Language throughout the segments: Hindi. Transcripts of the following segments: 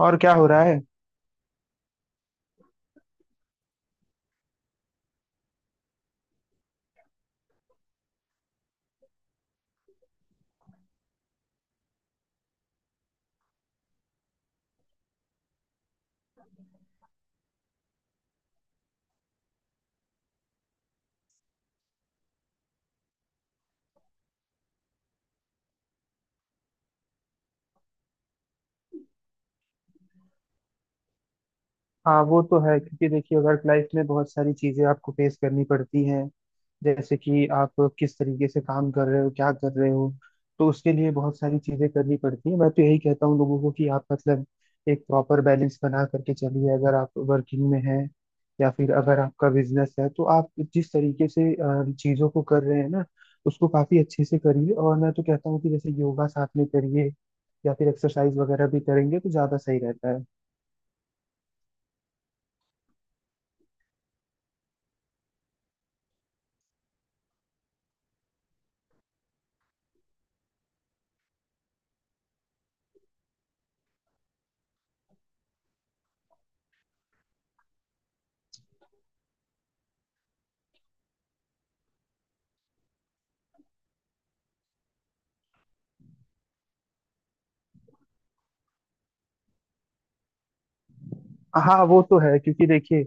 और क्या हो रहा है। हाँ वो तो है क्योंकि देखिए वर्क लाइफ में बहुत सारी चीजें आपको फेस करनी पड़ती हैं। जैसे कि आप किस तरीके से काम कर रहे हो, क्या कर रहे हो, तो उसके लिए बहुत सारी चीजें करनी पड़ती हैं। मैं तो यही कहता हूँ लोगों को कि आप मतलब एक प्रॉपर बैलेंस बना करके चलिए। अगर आप वर्किंग में हैं या फिर अगर आपका बिजनेस है, तो आप जिस तरीके से चीजों को कर रहे हैं ना, उसको काफी अच्छे से करिए। और मैं तो कहता हूँ कि जैसे योगा साथ में करिए या फिर एक्सरसाइज वगैरह भी करेंगे तो ज्यादा सही रहता है। हाँ वो तो है क्योंकि देखिए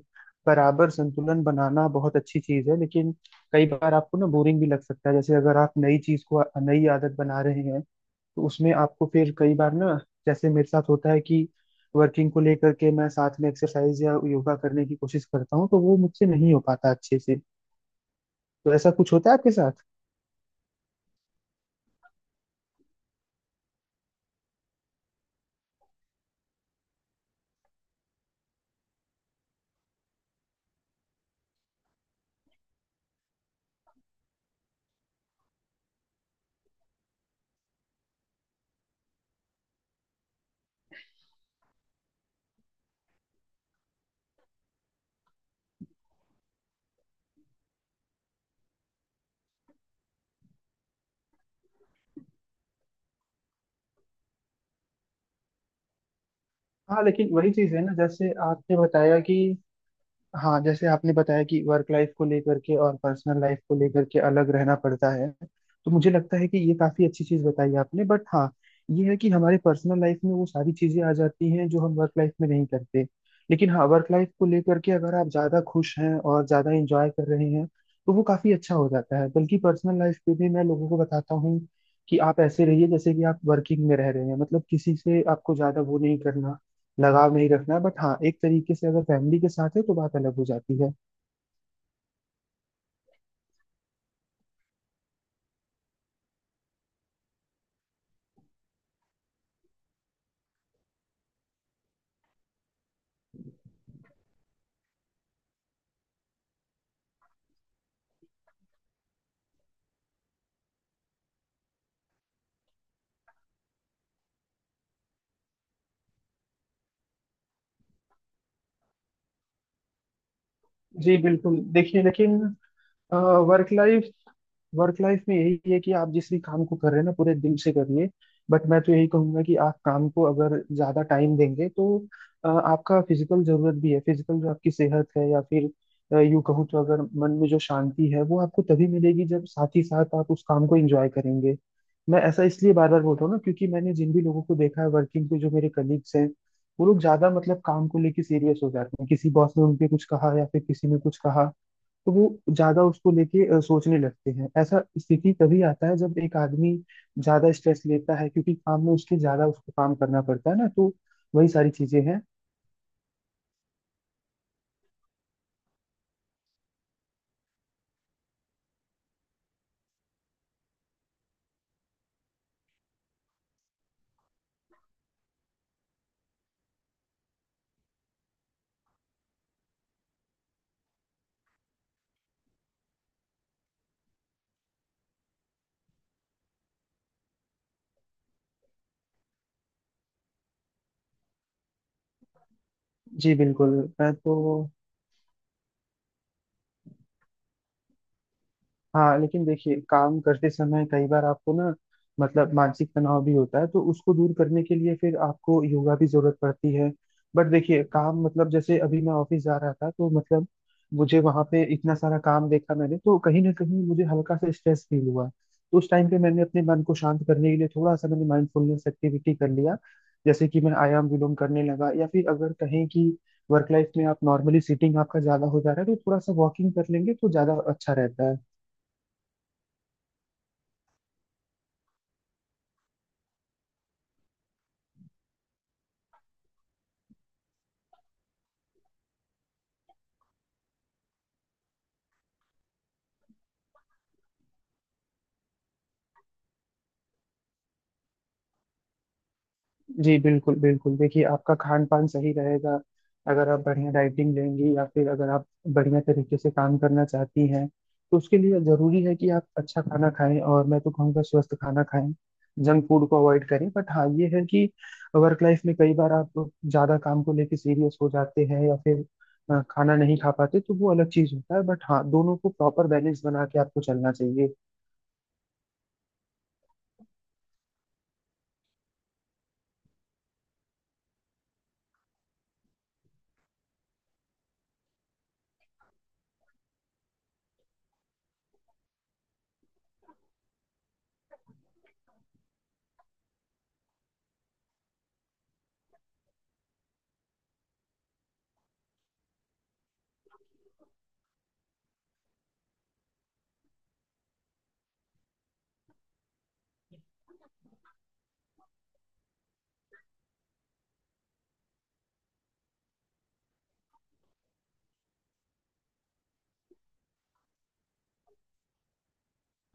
बराबर संतुलन बनाना बहुत अच्छी चीज है, लेकिन कई बार आपको ना बोरिंग भी लग सकता है। जैसे अगर आप नई चीज को नई आदत बना रहे हैं तो उसमें आपको फिर कई बार ना, जैसे मेरे साथ होता है कि वर्किंग को लेकर के मैं साथ में एक्सरसाइज या योगा करने की कोशिश करता हूँ तो वो मुझसे नहीं हो पाता अच्छे से। तो ऐसा कुछ होता है आपके साथ। हाँ लेकिन वही चीज है ना जैसे आपने बताया कि हाँ, जैसे आपने बताया कि वर्क लाइफ को लेकर के और पर्सनल लाइफ को लेकर के अलग रहना पड़ता है। तो मुझे लगता है कि ये काफी अच्छी चीज बताई आपने, बट हाँ, ये है कि हमारे पर्सनल लाइफ में वो सारी चीजें आ जाती हैं जो हम वर्क लाइफ में नहीं करते। लेकिन हाँ, वर्क लाइफ को लेकर के अगर आप ज्यादा खुश हैं और ज्यादा इंजॉय कर रहे हैं तो वो काफी अच्छा हो जाता है। बल्कि पर्सनल लाइफ पे भी मैं लोगों को बताता हूँ कि आप ऐसे रहिए जैसे कि आप वर्किंग में रह रहे हैं। मतलब किसी से आपको ज्यादा वो नहीं करना, लगाव नहीं रखना है, बट हाँ, एक तरीके से अगर फैमिली के साथ है तो बात अलग हो जाती है। जी बिल्कुल, देखिए लेकिन वर्क लाइफ वर्क लाइफ में यही है कि आप जिस भी काम को कर रहे हैं ना, पूरे दिल से करिए। बट मैं तो यही कहूंगा कि आप काम को अगर ज्यादा टाइम देंगे तो आपका फिजिकल जरूरत भी है। फिजिकल जो आपकी सेहत है, या फिर यूं कहूँ तो अगर मन में जो शांति है वो आपको तभी मिलेगी जब साथ ही साथ आप उस काम को एंजॉय करेंगे। मैं ऐसा इसलिए बार बार बोल रहा हूँ ना, क्योंकि मैंने जिन भी लोगों को देखा है वर्किंग पे, जो मेरे कलीग्स हैं, वो लोग ज्यादा मतलब काम को लेके सीरियस हो जाते हैं। किसी बॉस ने उनके कुछ कहा या फिर किसी ने कुछ कहा तो वो ज्यादा उसको लेके सोचने लगते हैं। ऐसा स्थिति तभी आता है जब एक आदमी ज्यादा स्ट्रेस लेता है, क्योंकि काम में उसके ज्यादा उसको काम करना पड़ता है ना, तो वही सारी चीजें हैं। जी बिल्कुल। मैं तो हाँ लेकिन देखिए काम करते समय कई बार आपको ना मतलब मानसिक तनाव भी होता है, तो उसको दूर करने के लिए फिर आपको योगा भी जरूरत पड़ती है। बट देखिए काम मतलब जैसे अभी मैं ऑफिस जा रहा था तो मतलब मुझे वहां पे इतना सारा काम देखा मैंने, तो कहीं ना कहीं मुझे हल्का सा स्ट्रेस फील हुआ। तो उस टाइम पे मैंने अपने मन को शांत करने के लिए थोड़ा सा मैंने माइंडफुलनेस एक्टिविटी कर लिया। जैसे कि मैं आयाम विलोम करने लगा, या फिर अगर कहें कि वर्क लाइफ में आप नॉर्मली सीटिंग आपका ज्यादा हो जा रहा है तो थोड़ा सा वॉकिंग कर लेंगे तो ज्यादा अच्छा रहता है। जी बिल्कुल बिल्कुल, देखिए आपका खान पान सही रहेगा अगर आप बढ़िया डाइटिंग लेंगी, या फिर अगर आप बढ़िया तरीके से काम करना चाहती हैं तो उसके लिए जरूरी है कि आप अच्छा खाना खाएं, और मैं तो कहूँगा स्वस्थ खाना खाएं। जंक फूड को अवॉइड करें। बट हाँ, ये है कि वर्क लाइफ में कई बार आप ज्यादा काम को लेके सीरियस हो जाते हैं या फिर खाना नहीं खा पाते, तो वो अलग चीज होता है। बट हाँ, दोनों को प्रॉपर बैलेंस बना के आपको चलना चाहिए।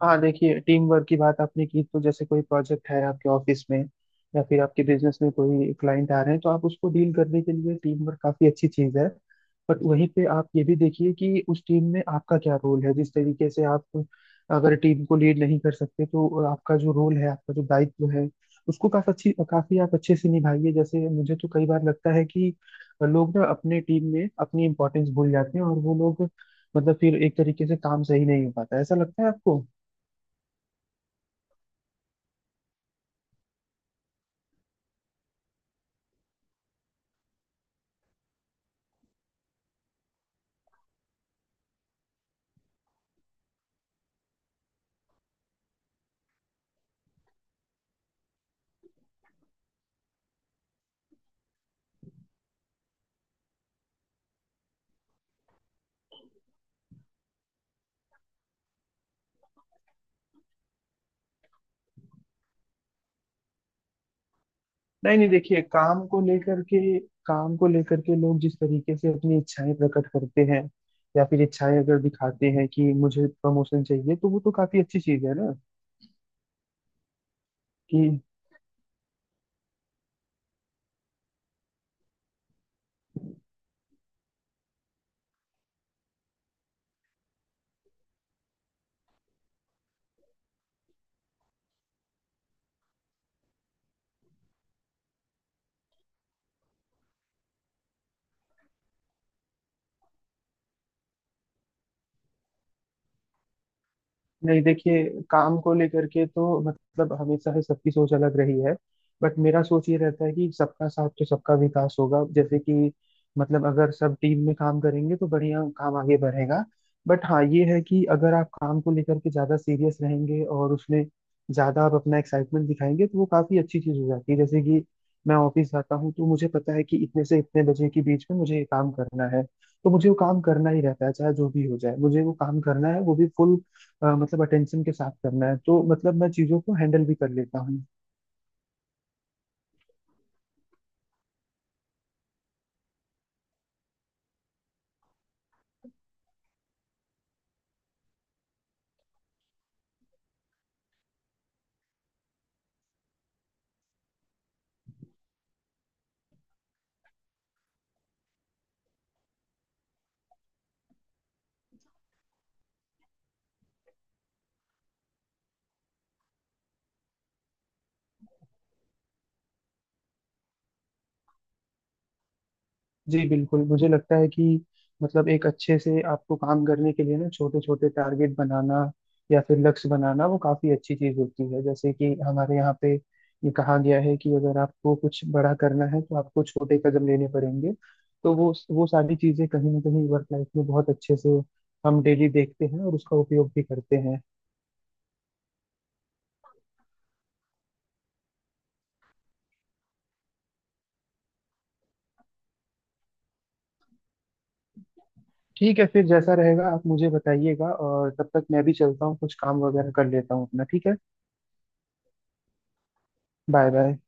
हाँ देखिए, टीम वर्क की बात आपने की, तो जैसे कोई प्रोजेक्ट है आपके ऑफिस में या फिर आपके बिजनेस में कोई क्लाइंट आ रहे हैं, तो आप उसको डील करने के लिए टीम वर्क काफी अच्छी चीज है। बट वहीं पे आप ये भी देखिए कि उस टीम में आपका क्या रोल है। जिस तरीके से आप, अगर टीम को लीड नहीं कर सकते तो आपका जो रोल है, आपका जो दायित्व है, उसको काफी अच्छी काफी आप अच्छे से निभाइए। जैसे मुझे तो कई बार लगता है कि लोग ना अपने टीम में अपनी इंपॉर्टेंस भूल जाते हैं, और वो लोग मतलब फिर एक तरीके से काम सही नहीं हो पाता है। ऐसा लगता है आपको। नहीं नहीं देखिए, काम को लेकर के लोग जिस तरीके से अपनी इच्छाएं प्रकट करते हैं या फिर इच्छाएं अगर दिखाते हैं कि मुझे प्रमोशन चाहिए, तो वो तो काफी अच्छी चीज है ना कि नहीं। देखिए काम को लेकर के तो मतलब हमेशा ही सबकी सोच अलग रही है। बट मेरा सोच ये रहता है कि सबका साथ तो सबका विकास होगा। जैसे कि मतलब अगर सब टीम में काम करेंगे तो बढ़िया काम आगे बढ़ेगा। बट हाँ, ये है कि अगर आप काम को लेकर के ज्यादा सीरियस रहेंगे और उसमें ज्यादा आप अपना एक्साइटमेंट दिखाएंगे तो वो काफी अच्छी चीज हो जाती है। जैसे कि मैं ऑफिस जाता हूँ तो मुझे पता है कि इतने से इतने बजे के बीच में मुझे ये काम करना है, तो मुझे वो काम करना ही रहता है। चाहे जो भी हो जाए मुझे वो काम करना है, वो भी फुल मतलब अटेंशन के साथ करना है, तो मतलब मैं चीज़ों को हैंडल भी कर लेता हूँ। जी बिल्कुल, मुझे लगता है कि मतलब एक अच्छे से आपको काम करने के लिए ना छोटे छोटे टारगेट बनाना या फिर लक्ष्य बनाना, वो काफ़ी अच्छी चीज़ होती है। जैसे कि हमारे यहाँ पे ये कहा गया है कि अगर आपको कुछ बड़ा करना है तो आपको छोटे कदम लेने पड़ेंगे। तो वो सारी चीज़ें कहीं ना कहीं वर्क लाइफ में बहुत अच्छे से हम डेली देखते हैं और उसका उपयोग भी करते हैं। ठीक है, फिर जैसा रहेगा आप मुझे बताइएगा, और तब तक मैं भी चलता हूँ, कुछ काम वगैरह कर लेता हूँ अपना। ठीक है। Bye bye.